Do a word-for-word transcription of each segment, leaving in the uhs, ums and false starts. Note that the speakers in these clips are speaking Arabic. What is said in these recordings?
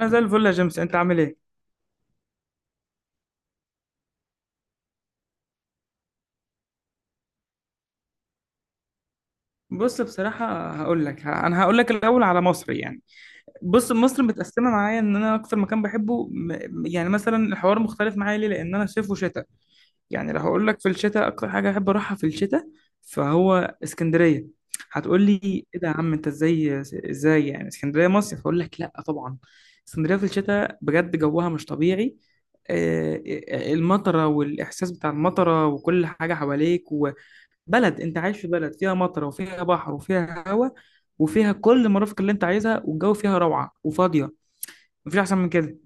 انا زي الفل يا جيمس، انت عامل ايه؟ بص بصراحه هقول لك، ه- انا هقول لك الاول على مصر يعني. بص، مصر متقسمه معايا. ان انا اكتر مكان بحبه، م- يعني مثلا الحوار مختلف معايا. ليه؟ لان انا صيف وشتاء. يعني لو هقول لك في الشتاء اكتر حاجه احب اروحها في الشتاء فهو اسكندريه. هتقول لي ايه ده يا عم انت؟ ازاي؟ ازاي يعني اسكندريه مصيف؟ هقول لك لا طبعا. اسكندريه في الشتاء بجد جوها مش طبيعي. آه، المطره والاحساس بتاع المطره وكل حاجه حواليك. بلد، انت عايش في بلد فيها مطر وفيها بحر وفيها هواء وفيها كل المرافق اللي انت عايزها، والجو فيها روعة وفاضية. مفيش احسن من كده.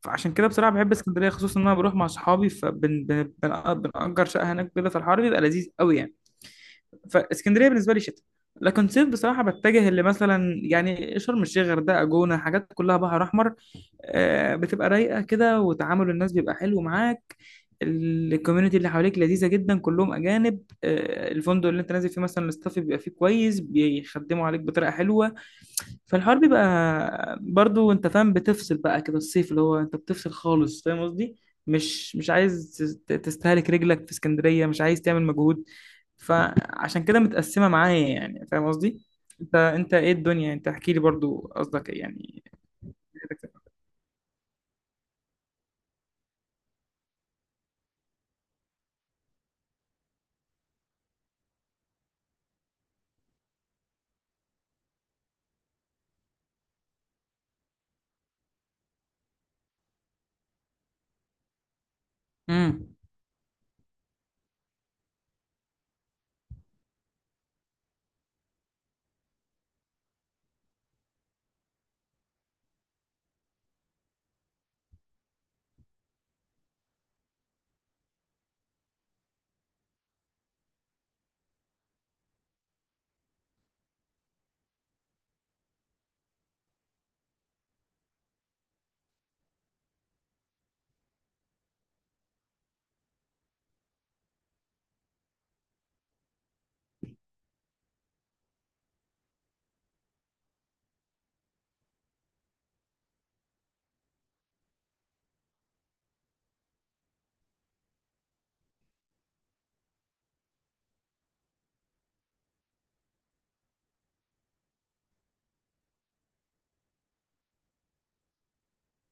فعشان كده بصراحة بحب اسكندرية، خصوصا ان انا بروح مع اصحابي فبنأجر شقة هناك كده، في الحر بيبقى لذيذ قوي يعني. فاسكندريه بالنسبه لي شتاء. لكن صيف بصراحه بتجه اللي مثلا يعني شرم الشيخ، غردقه، جونه، حاجات كلها بحر احمر. آه، بتبقى رايقه كده، وتعامل الناس بيبقى حلو معاك. الكوميونتي اللي حواليك لذيذه جدا، كلهم اجانب. آه، الفندق اللي انت نازل فيه مثلا الاستاف بيبقى فيه كويس، بيخدموا عليك بطريقه حلوه. فالحوار بيبقى برضو انت فاهم بتفصل بقى كده، الصيف اللي هو انت بتفصل خالص، فاهم قصدي؟ مش مش عايز تست- تستهلك رجلك في اسكندريه، مش عايز تعمل مجهود. فعشان كده متقسمة معايا، يعني فاهم قصدي؟ انت انت ايه الدنيا انت، احكي لي برضو قصدك ايه يعني. امم.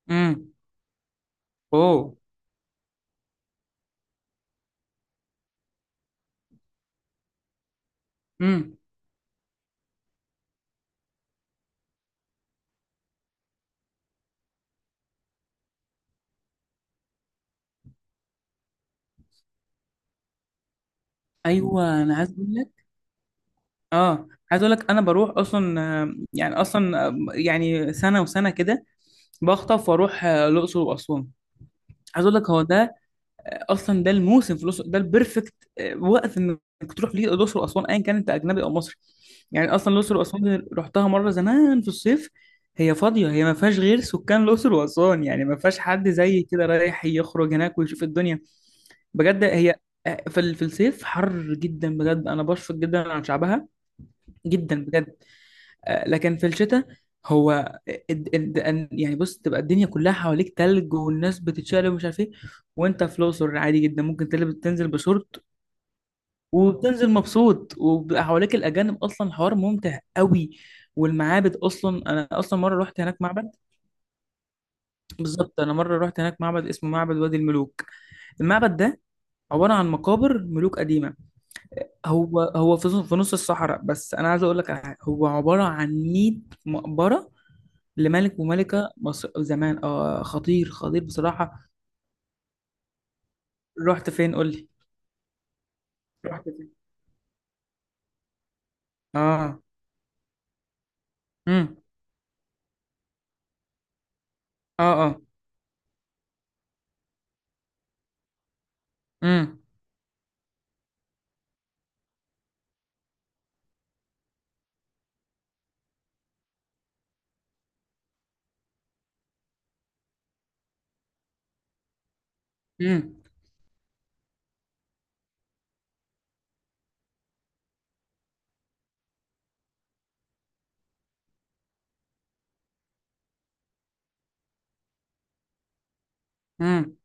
امم. اوه. امم. ايوه، انا عايز اقول لك. اه، عايز اقول لك انا بروح اصلا، آه، يعني اصلا، آه، يعني سنه وسنه كده بخطف واروح، آه، الاقصر واسوان. عايز اقول لك هو ده، اصلا ده الموسم في الاقصر، ده البرفكت وقت انك تروح ليه الاقصر واسوان، ايا كان انت اجنبي او مصري. يعني اصلا الاقصر واسوان رحتها مره زمان في الصيف. هي فاضيه، هي ما فيهاش غير سكان الاقصر واسوان، يعني ما فيهاش حد زي كده رايح يخرج هناك ويشوف الدنيا. بجد هي، آه، في ال- في الصيف حر جدا بجد، انا بشفق جدا عن شعبها، جدا بجد. آه، لكن في الشتاء، هو الد- الد- ان- يعني بص، تبقى الدنيا كلها حواليك تلج، والناس بتتشقلب ومش عارف ايه، وانت في الاقصر عادي جدا، ممكن تلبس تنزل بشورت وبتنزل مبسوط، وبيبقى حواليك الاجانب، اصلا الحوار ممتع قوي. والمعابد، اصلا انا اصلا مره رحت هناك معبد. بالظبط، انا مره رحت هناك معبد اسمه معبد وادي الملوك. المعبد ده عباره عن مقابر ملوك قديمه. هو هو في في نص الصحراء، بس انا عايز اقول لك على حاجه، هو عباره عن مية مقبره لملك وملكة مصر زمان. اه، خطير خطير بصراحة. رحت فين؟ قول لي. رحت فين؟ اه. امم. اه. اه. امم. امم. امم.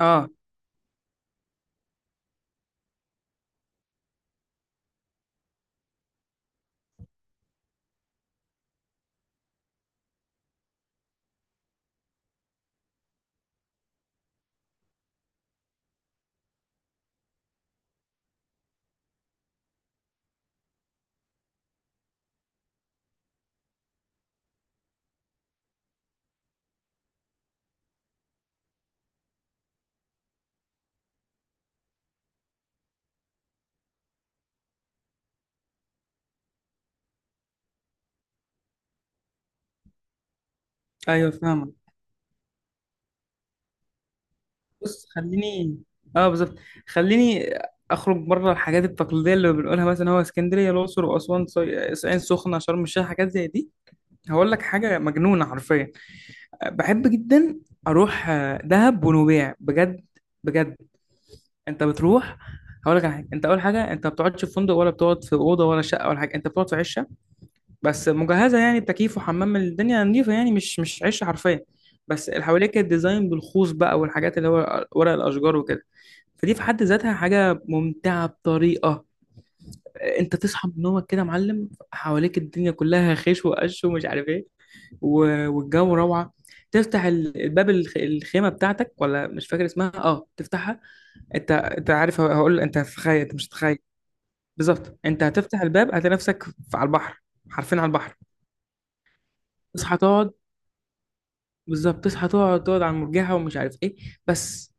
اه. ايوه فاهمة. بص، خليني، اه بالظبط، خليني اخرج بره الحاجات التقليدية اللي بنقولها مثلا، هو اسكندرية، الأقصر وأسوان، سو- العين سخنة، شرم الشيخ، حاجات زي دي. هقول لك حاجة مجنونة حرفيا. بحب جدا اروح، آه، دهب ونويبع، بجد بجد. انت بتروح، هقول لك على حاجه، انت اول حاجه انت ما بتقعدش في فندق، ولا بتقعد في اوضه ولا شقه ولا حاجه، انت بتقعد في عشه. بس مجهزه يعني بتكييف وحمام، الدنيا نظيفه، يعني مش مش عشه حرفيا. بس اللي حواليك كانت ديزاين بالخوص بقى، والحاجات اللي هو ورق الاشجار وكده. فدي في حد ذاتها حاجه ممتعه بطريقه. انت تصحى من نومك كده يا معلم، حواليك الدنيا كلها خيش وقش ومش عارف ايه. و- والجو روعه. تفتح ال- الباب، الخ- الخيمه بتاعتك، ولا مش فاكر اسمها، اه، تفتحها. انت انت عارف هقول، انت هتتخيل، انت مش هتتخيل. بالظبط، انت هتفتح الباب هتلاقي نفسك في- على البحر. حرفيا على البحر. تصحى تقعد، بالظبط، تصحى تقعد، تقعد على المرجحه ومش عارف ايه. بس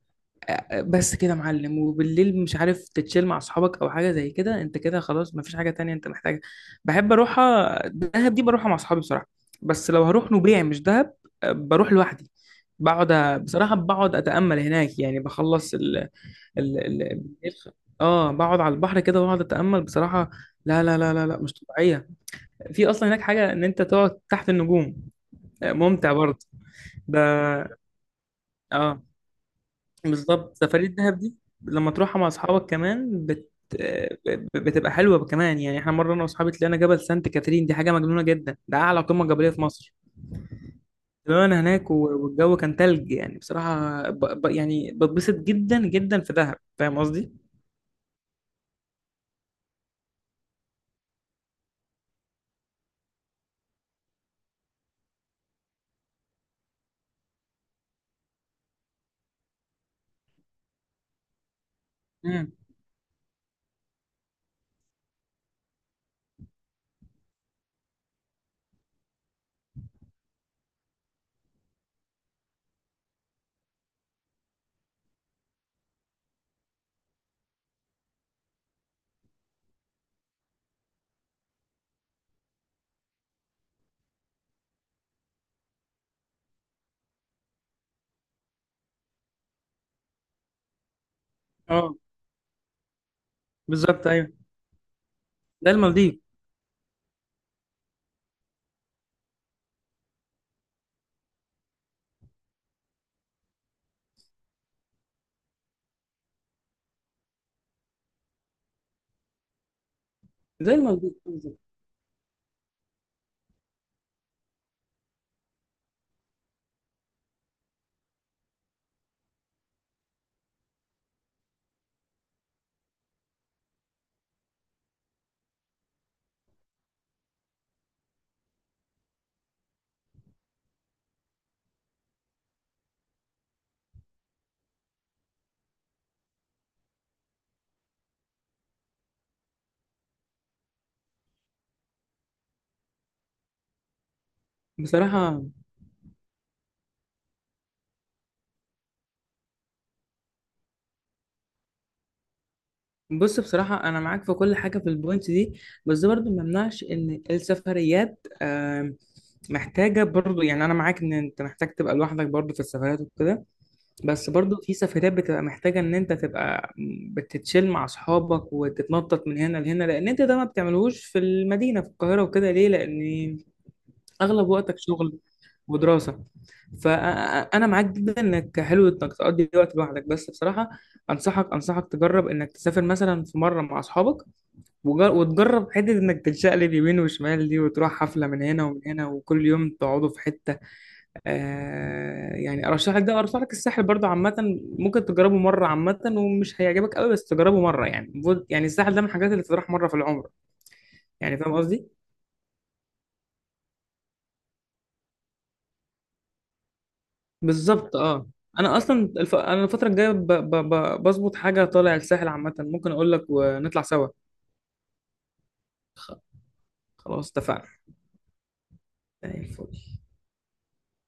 آه، بس كده يا معلم. وبالليل مش عارف تتشيل مع اصحابك او حاجه زي كده، انت كده خلاص مفيش حاجه تانية انت محتاجها. بحب اروحها دهب، دي بروحها مع اصحابي بصراحه. بس لو هروح نوبيع مش دهب، آه، بروح لوحدي. بقعد، بصراحه بقعد اتامل هناك، يعني بخلص ال ال الخ- اه بقعد على البحر كده واقعد اتامل بصراحه. لا لا لا لا لا مش طبيعيه. في اصلا هناك حاجه ان انت تقعد تحت النجوم. آه، ممتع برضه. ده، اه، بالظبط، سفريه الدهب دي لما تروحها مع اصحابك كمان بت آه، ب- بتبقى حلوه كمان يعني. احنا مره انا واصحابي طلعنا جبل سانت كاترين، دي حاجه مجنونه جدا، ده اعلى قمه جبليه في مصر. طلعنا هناك و- والجو كان تلج، يعني بصراحه ب... ب... يعني بتبسط جدا جدا في دهب، فاهم قصدي؟ امم. اه بالظبط. ايوه ده المالديف، زي المالديف بالظبط. بصراحة، بص بصراحة أنا معاك في كل حاجة في البوينت دي. بس ده برضو ما يمنعش إن السفريات آم، محتاجة برضو، يعني أنا معاك إن أنت محتاج تبقى لوحدك برضو في السفريات وكده. بس برضو في سفريات بتبقى محتاجة إن أنت تبقى بتتشيل مع أصحابك وتتنطط من هنا لهنا، لأن أنت ده ما بتعملوش في المدينة في القاهرة وكده. ليه؟ لأن أغلب وقتك شغل ودراسة. فأنا معاك جدا إنك حلو إنك تقضي وقت لوحدك، بس بصراحة أنصحك أنصحك تجرب إنك تسافر مثلا في مرة مع أصحابك، وج- وتجرب حتة إنك تتشقلب يمين وشمال دي، وتروح حفلة من هنا ومن هنا، وكل يوم تقعدوا في حتة. آه يعني أرشح لك ده أرشح لك الساحل برضه عامة. ممكن تجربه مرة عامة، ومش هيعجبك قوي بس تجربه مرة، يعني المفروض- يعني الساحل ده من الحاجات اللي تروح مرة في العمر، يعني فاهم قصدي؟ بالظبط اه. انا اصلا الف... انا الفتره الجايه ب... ب... ب... بظبط حاجه طالع الساحل عامه، ممكن اقول لك ونطلع سوا. خ... خلاص اتفقنا. زي الفل